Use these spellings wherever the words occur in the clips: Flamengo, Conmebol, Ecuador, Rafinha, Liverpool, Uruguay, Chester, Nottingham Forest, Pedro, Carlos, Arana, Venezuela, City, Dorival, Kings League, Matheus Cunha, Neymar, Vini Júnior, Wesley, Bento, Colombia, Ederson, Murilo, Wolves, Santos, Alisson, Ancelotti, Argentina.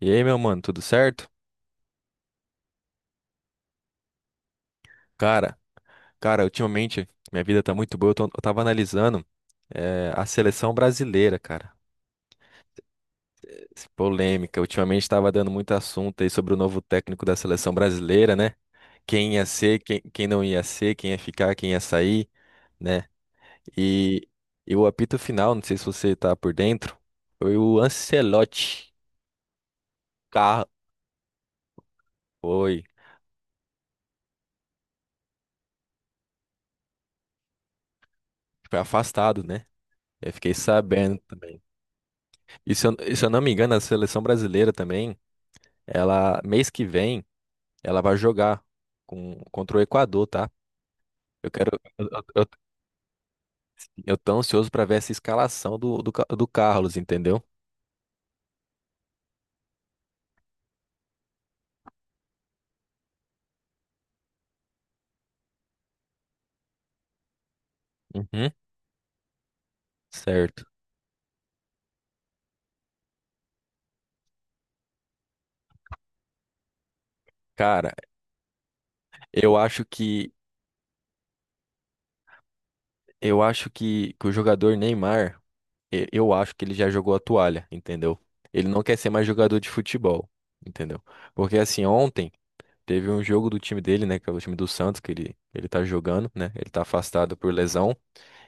E aí, meu mano, tudo certo? Cara, cara, ultimamente minha vida tá muito boa. Eu tava analisando a seleção brasileira, cara. Esse Polêmica. Ultimamente tava dando muito assunto aí sobre o novo técnico da seleção brasileira, né? Quem ia ser, quem não ia ser, quem ia ficar, quem ia sair, né? E, e o apito final, não sei se você tá por dentro, foi o Ancelotti. Carro, foi, foi afastado, né? Eu fiquei sabendo também. E se eu não me engano, a seleção brasileira também. Mês que vem, ela vai jogar contra o Equador, tá? Eu quero. Eu, eu, eu tô ansioso pra ver essa escalação do Carlos, entendeu? Uhum. Certo. Cara, eu acho que. Eu acho que o jogador Neymar, eu acho que ele já jogou a toalha, entendeu? Ele não quer ser mais jogador de futebol, entendeu? Porque assim, ontem. Teve um jogo do time dele, né? Que é o time do Santos, que ele tá jogando, né? Ele tá afastado por lesão.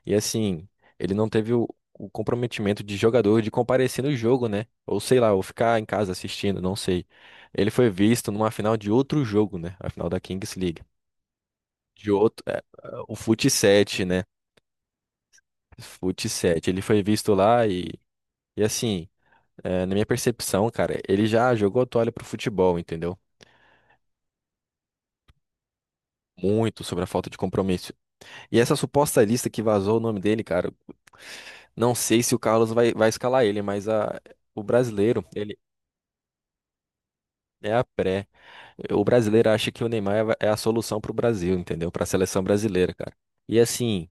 E assim, ele não teve o comprometimento de jogador de comparecer no jogo, né? Ou sei lá, ou ficar em casa assistindo, não sei. Ele foi visto numa final de outro jogo, né? A final da Kings League. De outro, é, o Fut 7, né? Fut 7. Ele foi visto lá e assim, é, na minha percepção, cara, ele já jogou a toalha pro futebol, entendeu? Muito sobre a falta de compromisso. E essa suposta lista que vazou o nome dele, cara, não sei se o Carlos vai escalar ele, mas a, o brasileiro, ele é a pré. O brasileiro acha que o Neymar é a solução pro Brasil, entendeu? Pra seleção brasileira, cara. E assim,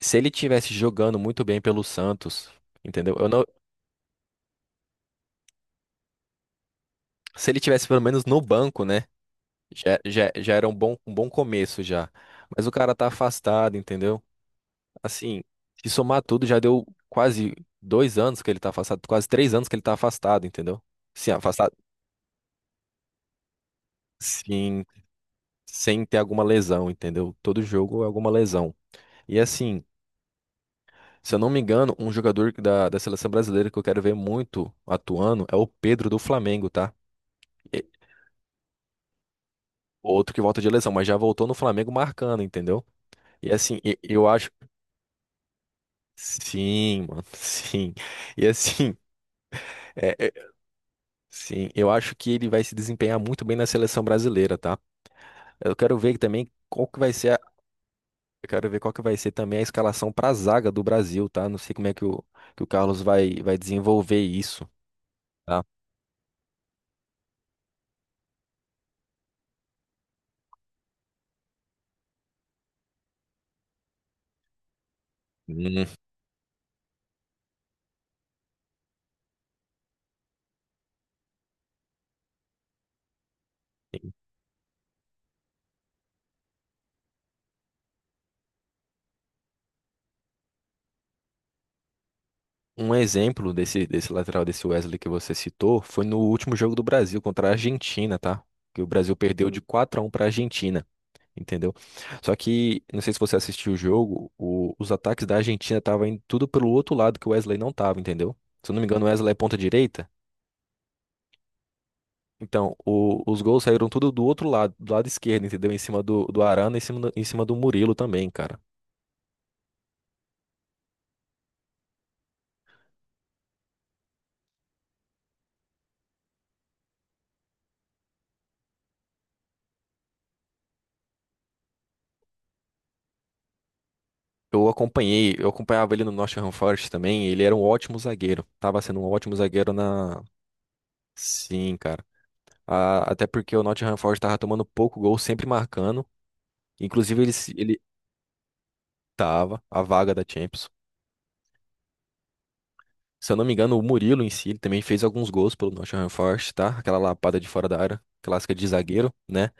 se ele tivesse jogando muito bem pelo Santos, entendeu? Eu não, se ele tivesse pelo menos no banco, né? Já, já, já era um bom começo já. Mas o cara tá afastado, entendeu? Assim, se somar tudo, já deu quase 2 anos que ele tá afastado, quase 3 anos que ele tá afastado, entendeu? Sim, afastado, sim, sem ter alguma lesão, entendeu? Todo jogo é alguma lesão. E assim, se eu não me engano, um jogador da seleção brasileira que eu quero ver muito atuando é o Pedro do Flamengo, tá? E- Outro que volta de lesão, mas já voltou no Flamengo marcando, entendeu? E assim, eu acho. Sim, mano, sim. E assim, é, é- sim, eu acho que ele vai se desempenhar muito bem na seleção brasileira, tá? Eu quero ver também qual que vai ser a, eu quero ver qual que vai ser também a escalação para a zaga do Brasil, tá? Não sei como é que que o Carlos vai desenvolver isso, tá? Hum. Um exemplo desse lateral, desse Wesley que você citou, foi no último jogo do Brasil contra a Argentina, tá? Que o Brasil perdeu de 4-1 para a Argentina, entendeu? Só que, não sei se você assistiu o jogo, os ataques da Argentina estavam indo tudo pelo outro lado que o Wesley não tava, entendeu? Se eu não me engano, o Wesley é ponta direita. Então, os gols saíram tudo do outro lado, do lado esquerdo, entendeu? Em cima do Arana, em cima do Murilo também, cara. Eu acompanhei, eu acompanhava ele no Nottingham Forest também, ele era um ótimo zagueiro. Tava sendo um ótimo zagueiro na. Sim, cara. Até porque o Nottingham Forest tava tomando pouco gol, sempre marcando. Inclusive, ele, se- ele tava, a vaga da Champions. Se eu não me engano, o Murilo em si, ele também fez alguns gols pelo Nottingham Forest, tá? Aquela lapada de fora da área, clássica de zagueiro, né?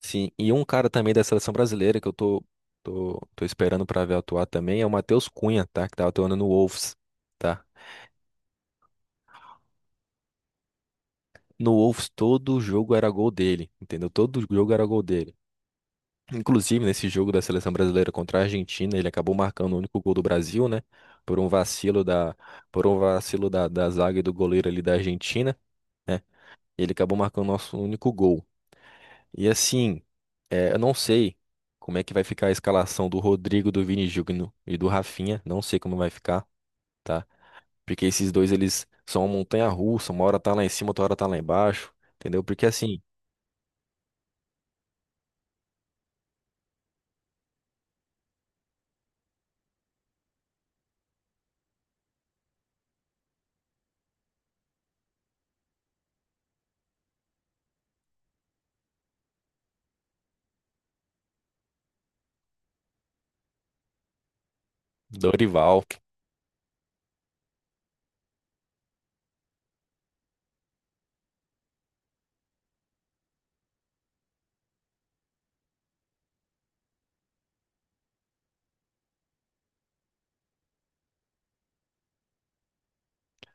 Sim, e um cara também da seleção brasileira que eu tô esperando pra ver atuar também é o Matheus Cunha, tá? Que tava atuando no Wolves, tá? No Wolves todo jogo era gol dele, entendeu? Todo jogo era gol dele. Inclusive nesse jogo da seleção brasileira contra a Argentina, ele acabou marcando o único gol do Brasil, né? Por um vacilo da, por um vacilo da zaga e do goleiro ali da Argentina, né? Ele acabou marcando o nosso único gol. E assim, é, eu não sei como é que vai ficar a escalação do Rodrigo, do Vini Júnior e do Rafinha. Não sei como vai ficar, tá? Porque esses dois, eles são uma montanha-russa. Uma hora tá lá em cima, outra hora tá lá embaixo. Entendeu? Porque assim, Dorival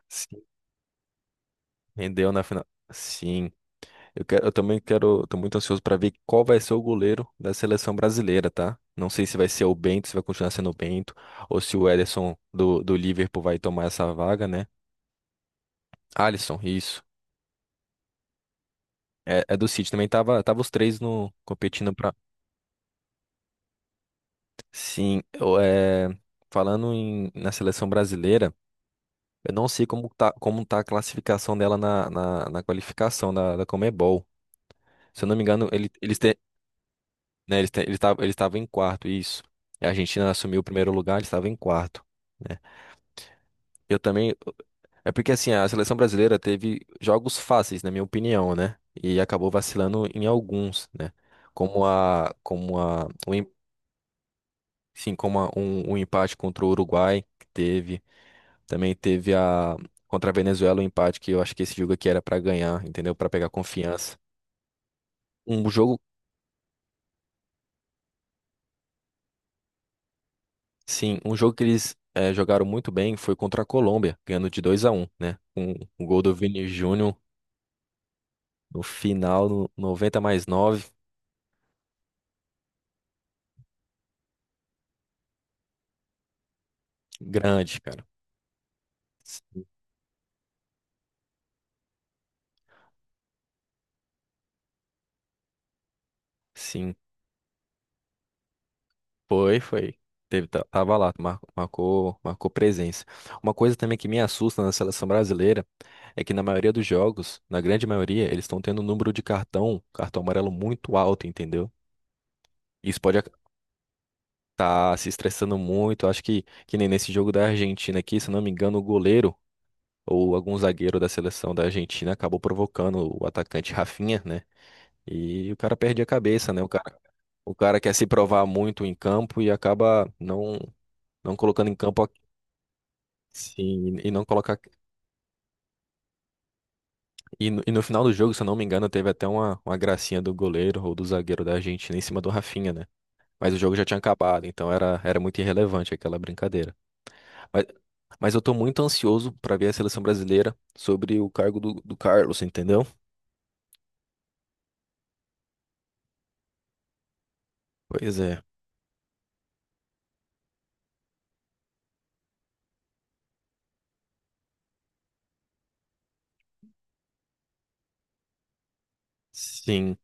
se rendeu na final. Sim, eu quero, eu também quero, tô muito ansioso pra ver qual vai ser o goleiro da seleção brasileira, tá? Não sei se vai ser o Bento, se vai continuar sendo o Bento, ou se o Ederson do Liverpool vai tomar essa vaga, né? Alisson, isso. É do City também tava os três no competindo pra. Sim, falando na seleção brasileira, eu não sei como tá a classificação dela na qualificação da Conmebol. Se eu não me engano, né, eles te, eles tavam- eles estavam em quarto, isso. E a Argentina assumiu o primeiro lugar, eles estavam em quarto. Né? Eu também. É porque assim, a seleção brasileira teve jogos fáceis, na minha opinião, né? E acabou vacilando em alguns, né? Como a, como a, o Sim, um empate contra o Uruguai que teve. Também teve a contra a Venezuela um empate que eu acho que esse jogo aqui era pra ganhar, entendeu? Pra pegar confiança. Um jogo, sim, um jogo que eles jogaram muito bem foi contra a Colômbia, ganhando de 2-1, né? Um gol do Vini Júnior no final, no 90+9. Grande, cara. S- Sim. Foi, foi. Tava lá, marcou presença. Uma coisa também que me assusta na seleção brasileira é que na maioria dos jogos, na grande maioria, eles estão tendo um número de cartão, cartão amarelo muito alto, entendeu? Isso pode estar tá se estressando muito. Acho que nem nesse jogo da Argentina aqui, se eu não me engano, o goleiro ou algum zagueiro da seleção da Argentina acabou provocando o atacante Rafinha, né? E o cara perde a cabeça, né? O cara quer se provar muito em campo e acaba não colocando em campo. Sim, e não colocar. E no final do jogo, se eu não me engano, teve até uma, gracinha do goleiro ou do zagueiro da Argentina em cima do Rafinha, né? Mas o jogo já tinha acabado, então era muito irrelevante aquela brincadeira. Mas, mas eu tô muito ansioso pra ver a seleção brasileira sobre o cargo do Carlos, entendeu? Pois é. Sim,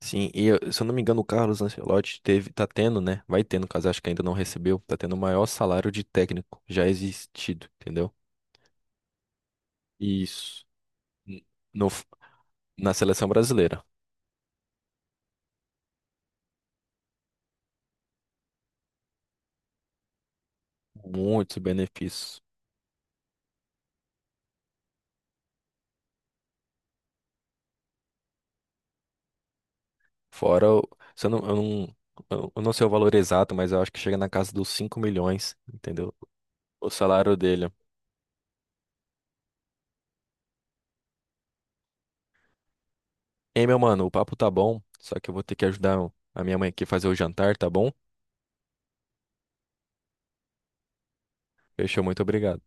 sim. Se eu não me engano, o Carlos Ancelotti teve, tá tendo, né? Vai ter, no caso, acho que ainda não recebeu, tá tendo o maior salário de técnico já existido, entendeu? Isso. N- No, f- na seleção brasileira. Muitos benefícios. Fora, se eu não, eu não, eu não sei o valor exato, mas eu acho que chega na casa dos 5 milhões, entendeu? O salário dele. Ei, meu mano, o papo tá bom, só que eu vou ter que ajudar a minha mãe aqui a fazer o jantar, tá bom? Fechou, muito obrigado.